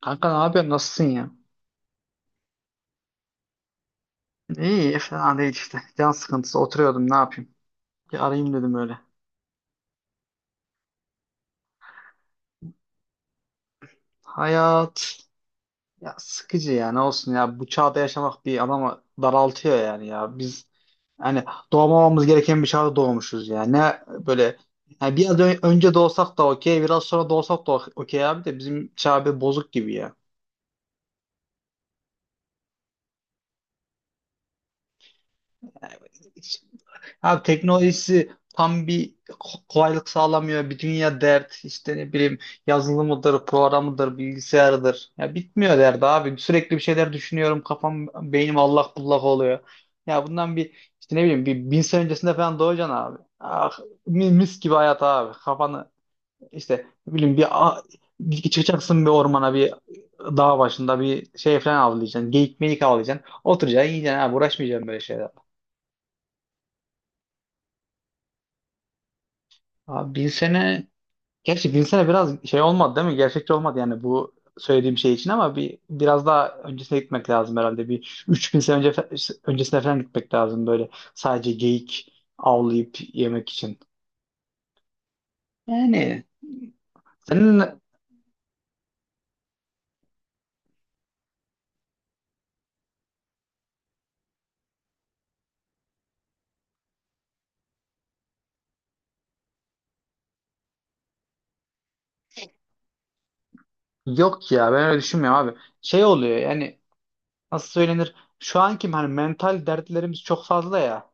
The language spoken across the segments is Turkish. Kanka ne yapıyorsun? Nasılsın ya? İyi, fena değil işte. Can sıkıntısı. Oturuyordum, ne yapayım? Bir arayayım dedim öyle. Hayat ya sıkıcı ya. Ne olsun ya. Bu çağda yaşamak bir adamı daraltıyor yani ya. Biz yani doğmamamız gereken bir çağda doğmuşuz ya. Ne böyle yani biraz önce doğsak da okey, biraz sonra doğsak da okey abi de bizim çağ bir bozuk gibi ya. Abi teknolojisi tam bir kolaylık sağlamıyor. Bir dünya dert işte ne bileyim yazılımıdır, programıdır, bilgisayarıdır. Ya bitmiyor derdi abi. Sürekli bir şeyler düşünüyorum. Kafam, beynim allak bullak oluyor. Ya bundan bir işte ne bileyim bir bin sene öncesinde falan doğacaksın abi. Ah, mis gibi hayat abi. Kafanı işte ne bileyim çıkacaksın bir ormana bir dağ başında bir şey falan avlayacaksın. Geyik meyik avlayacaksın. Oturacaksın yiyeceksin abi. Uğraşmayacaksın böyle şeyler. Abi bin sene gerçi Vince'e biraz şey olmadı değil mi? Gerçekçi olmadı yani bu söylediğim şey için ama bir biraz daha öncesine gitmek lazım herhalde. Bir 3000 sene önce öncesine falan gitmek lazım böyle. Sadece geyik avlayıp yemek için. Yani senin yok ya ben öyle düşünmüyorum abi. Şey oluyor yani nasıl söylenir? Şu anki hani mental dertlerimiz çok fazla ya.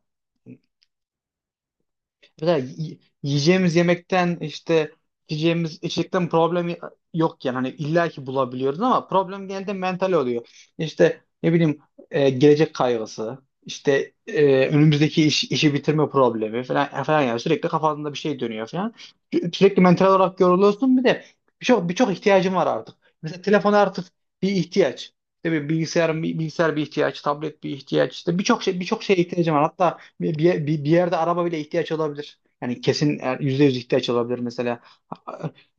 Mesela yiyeceğimiz yemekten işte içeceğimiz içecekten problem yok yani hani illa ki bulabiliyoruz ama problem genelde mental oluyor. İşte ne bileyim gelecek kaygısı, işte önümüzdeki işi bitirme problemi falan falan yani sürekli kafasında bir şey dönüyor falan. Sürekli mental olarak yoruluyorsun bir de birçok ihtiyacın var artık. Mesela telefon artık bir ihtiyaç. İşte bir bilgisayar, bir bilgisayar bir ihtiyaç, tablet bir ihtiyaç. İşte birçok şey birçok şeye ihtiyacım var. Hatta bir yerde araba bile ihtiyaç olabilir. Yani kesin yüzde yüz ihtiyaç olabilir mesela.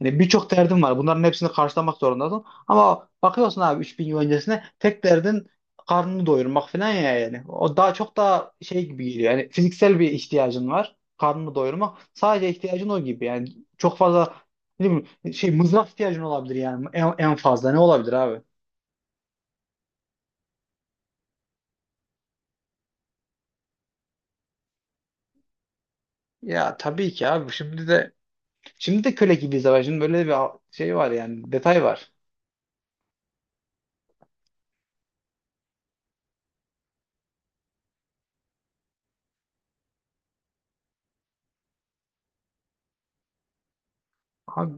Yani birçok derdin var. Bunların hepsini karşılamak zorundasın. Ama bakıyorsun abi 3000 yıl öncesine tek derdin karnını doyurmak falan ya yani. O daha çok daha şey gibi geliyor. Yani fiziksel bir ihtiyacın var. Karnını doyurmak. Sadece ihtiyacın o gibi. Yani çok fazla ne bileyim, şey mızrak ihtiyacın olabilir yani en fazla ne olabilir abi? Ya tabii ki abi şimdi de köle gibiyiz ama şimdi böyle bir şey var yani detay var. Abi,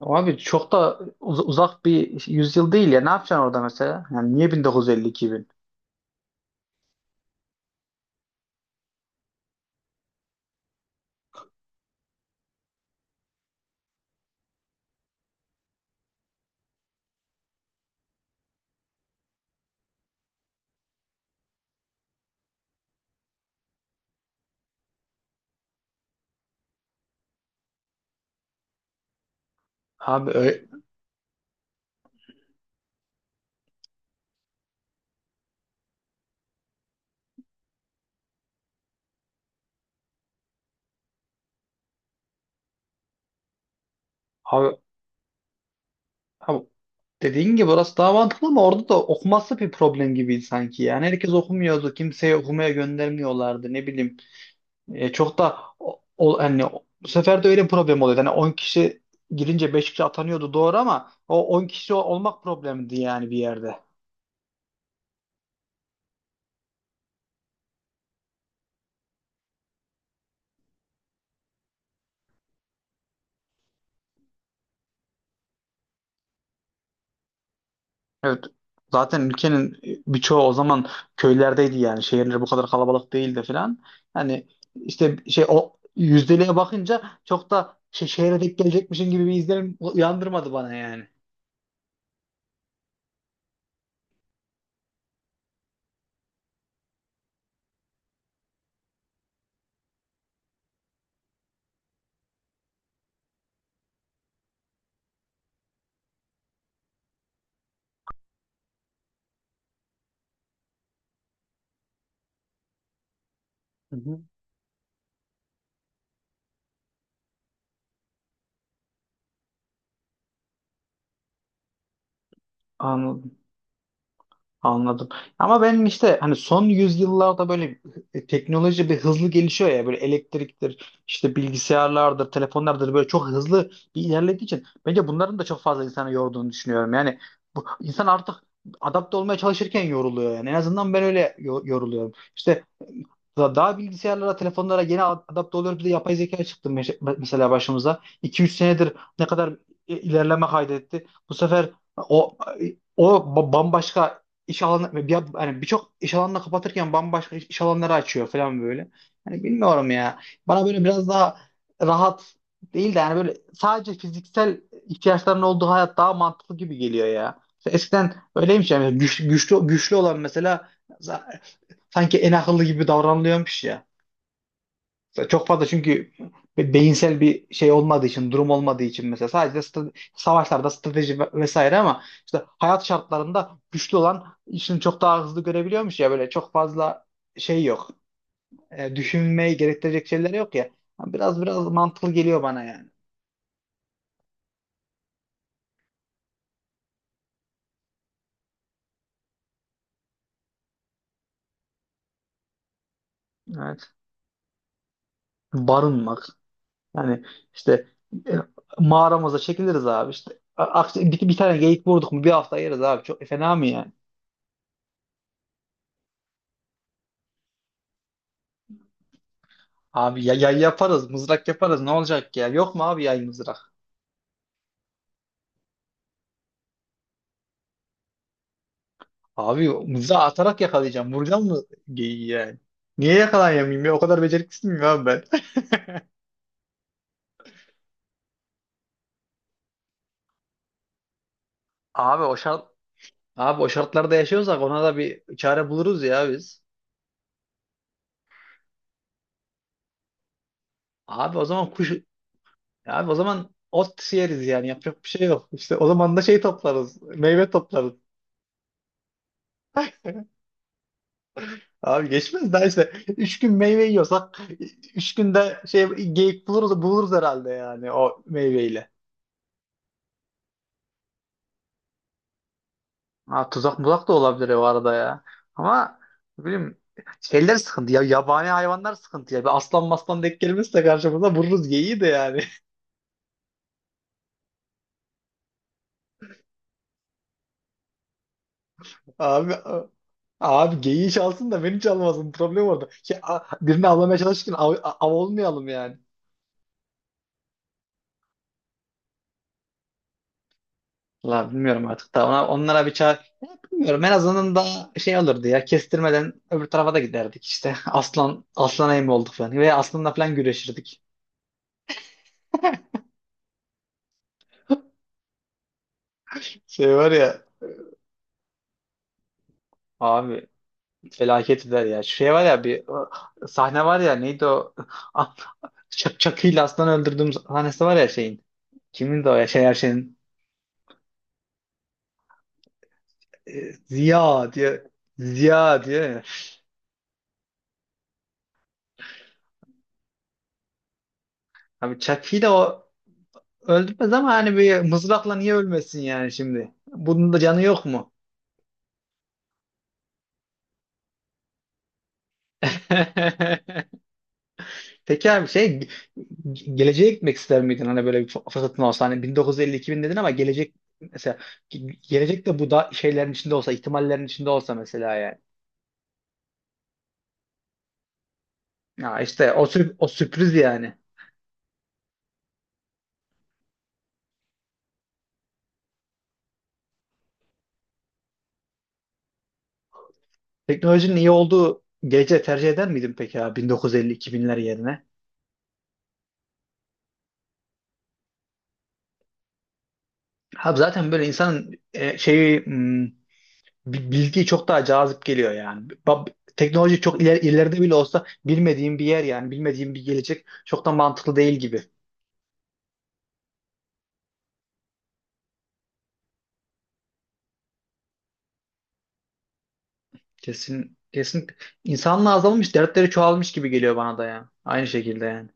abi çok da uzak bir yüzyıl değil ya. Ne yapacaksın orada mesela? Yani niye 1950 bin? Abi, öyle, abi, abi dediğin gibi orası daha mantıklı ama orada da okuması bir problem gibiydi sanki. Yani herkes okumuyordu. Kimseyi okumaya göndermiyorlardı. Ne bileyim. E, çok da bu sefer de öyle bir problem oluyordu. Hani 10 kişi girince 5 kişi atanıyordu doğru ama o 10 kişi olmak problemdi yani bir yerde. Evet. Zaten ülkenin birçoğu o zaman köylerdeydi yani. Şehirler bu kadar kalabalık değildi falan. Yani işte şey o yüzdeliğe bakınca çok da şey, şehre denk gelecekmişin gibi bir izlenim uyandırmadı bana yani. Hı hı. Anladım. Anladım. Ama benim işte hani son yüzyıllarda böyle teknoloji bir hızlı gelişiyor ya böyle elektriktir, işte bilgisayarlardır, telefonlardır böyle çok hızlı bir ilerlediği için bence bunların da çok fazla insanı yorduğunu düşünüyorum. Yani bu insan artık adapte olmaya çalışırken yoruluyor yani. En azından ben öyle yoruluyorum. İşte daha bilgisayarlara, telefonlara yeni adapte oluyoruz. Bir de yapay zeka çıktı mesela başımıza. 2-3 senedir ne kadar ilerleme kaydetti. Bu sefer o bambaşka iş alanı bir, hani birçok iş alanını kapatırken bambaşka iş alanları açıyor falan böyle. Hani bilmiyorum ya. Bana böyle biraz daha rahat değil de yani böyle sadece fiziksel ihtiyaçların olduğu hayat daha mantıklı gibi geliyor ya. Eskiden öyleymiş yani güçlü olan mesela sanki en akıllı gibi davranılıyormuş ya. Mesela çok fazla çünkü beyinsel bir şey olmadığı için, durum olmadığı için mesela sadece savaşlarda strateji vesaire ama işte hayat şartlarında güçlü olan işini çok daha hızlı görebiliyormuş ya böyle çok fazla şey yok. E, düşünmeyi gerektirecek şeyler yok ya. Biraz mantıklı geliyor bana yani. Evet. Barınmak. Yani işte e, mağaramıza çekiliriz abi işte. Bir, bir tane geyik vurduk mu bir hafta yeriz abi. Çok fena mı yani? Abi ya, yaparız, mızrak yaparız. Ne olacak ya? Yok mu abi yay mızrak? Abi mızrağı atarak yakalayacağım. Vuracağım mı geyiği yani? Niye yakalayamayayım ya? O kadar beceriksiz miyim abi ben? Abi o şart abi o şartlarda yaşıyorsak ona da bir çare buluruz ya biz. Abi o zaman kuş abi o zaman ot yeriz yani yapacak bir şey yok. İşte o zaman da şey toplarız. Meyve toplarız. Abi geçmez daha işte. Üç gün meyve yiyorsak üç günde şey geyik buluruz herhalde yani o meyveyle. Ha, tuzak muzak da olabilir o arada ya. Ama ne bileyim şeyler sıkıntı ya. Yabani hayvanlar sıkıntı ya. Bir aslan maslan denk gelmezse karşımıza vururuz geyiği de yani. Abi abi geyiği çalsın da beni çalmasın. Problem orada. Şey, birini avlamaya çalışırken av olmayalım yani. La bilmiyorum artık da onlara bir çare bilmiyorum en azından da şey olurdu ya kestirmeden öbür tarafa da giderdik işte aslan aslana yem olduk falan veya aslanla falan güreşirdik. Şey var ya abi felaket eder ya. Şey var ya bir o sahne var ya neydi o? Ah, çakıyla aslan öldürdüğüm sahnesi var ya şeyin. Kimin de o ya şey her şeyin. Ziya diye. Ziya diye. Ya. Abi çakıyla o öldürmez ama hani bir mızrakla niye ölmesin yani şimdi? Bunun da canı yok mu? Peki abi şey geleceğe gitmek ister miydin? Hani böyle bir fırsatın olsa hani 1950-2000 dedin ama gelecek mesela gelecek de bu da şeylerin içinde olsa ihtimallerin içinde olsa mesela yani. Ya işte o, o sürpriz yani. Teknolojinin iyi olduğu gece tercih eder miydin peki ya 1950-2000'ler yerine? Abi zaten böyle insanın şeyi bilgi çok daha cazip geliyor yani. Teknoloji çok ileride bile olsa bilmediğim bir yer yani bilmediğim bir gelecek çok da mantıklı değil gibi. Kesin kesin insanlığa azalmış dertleri çoğalmış gibi geliyor bana da ya. Aynı şekilde yani.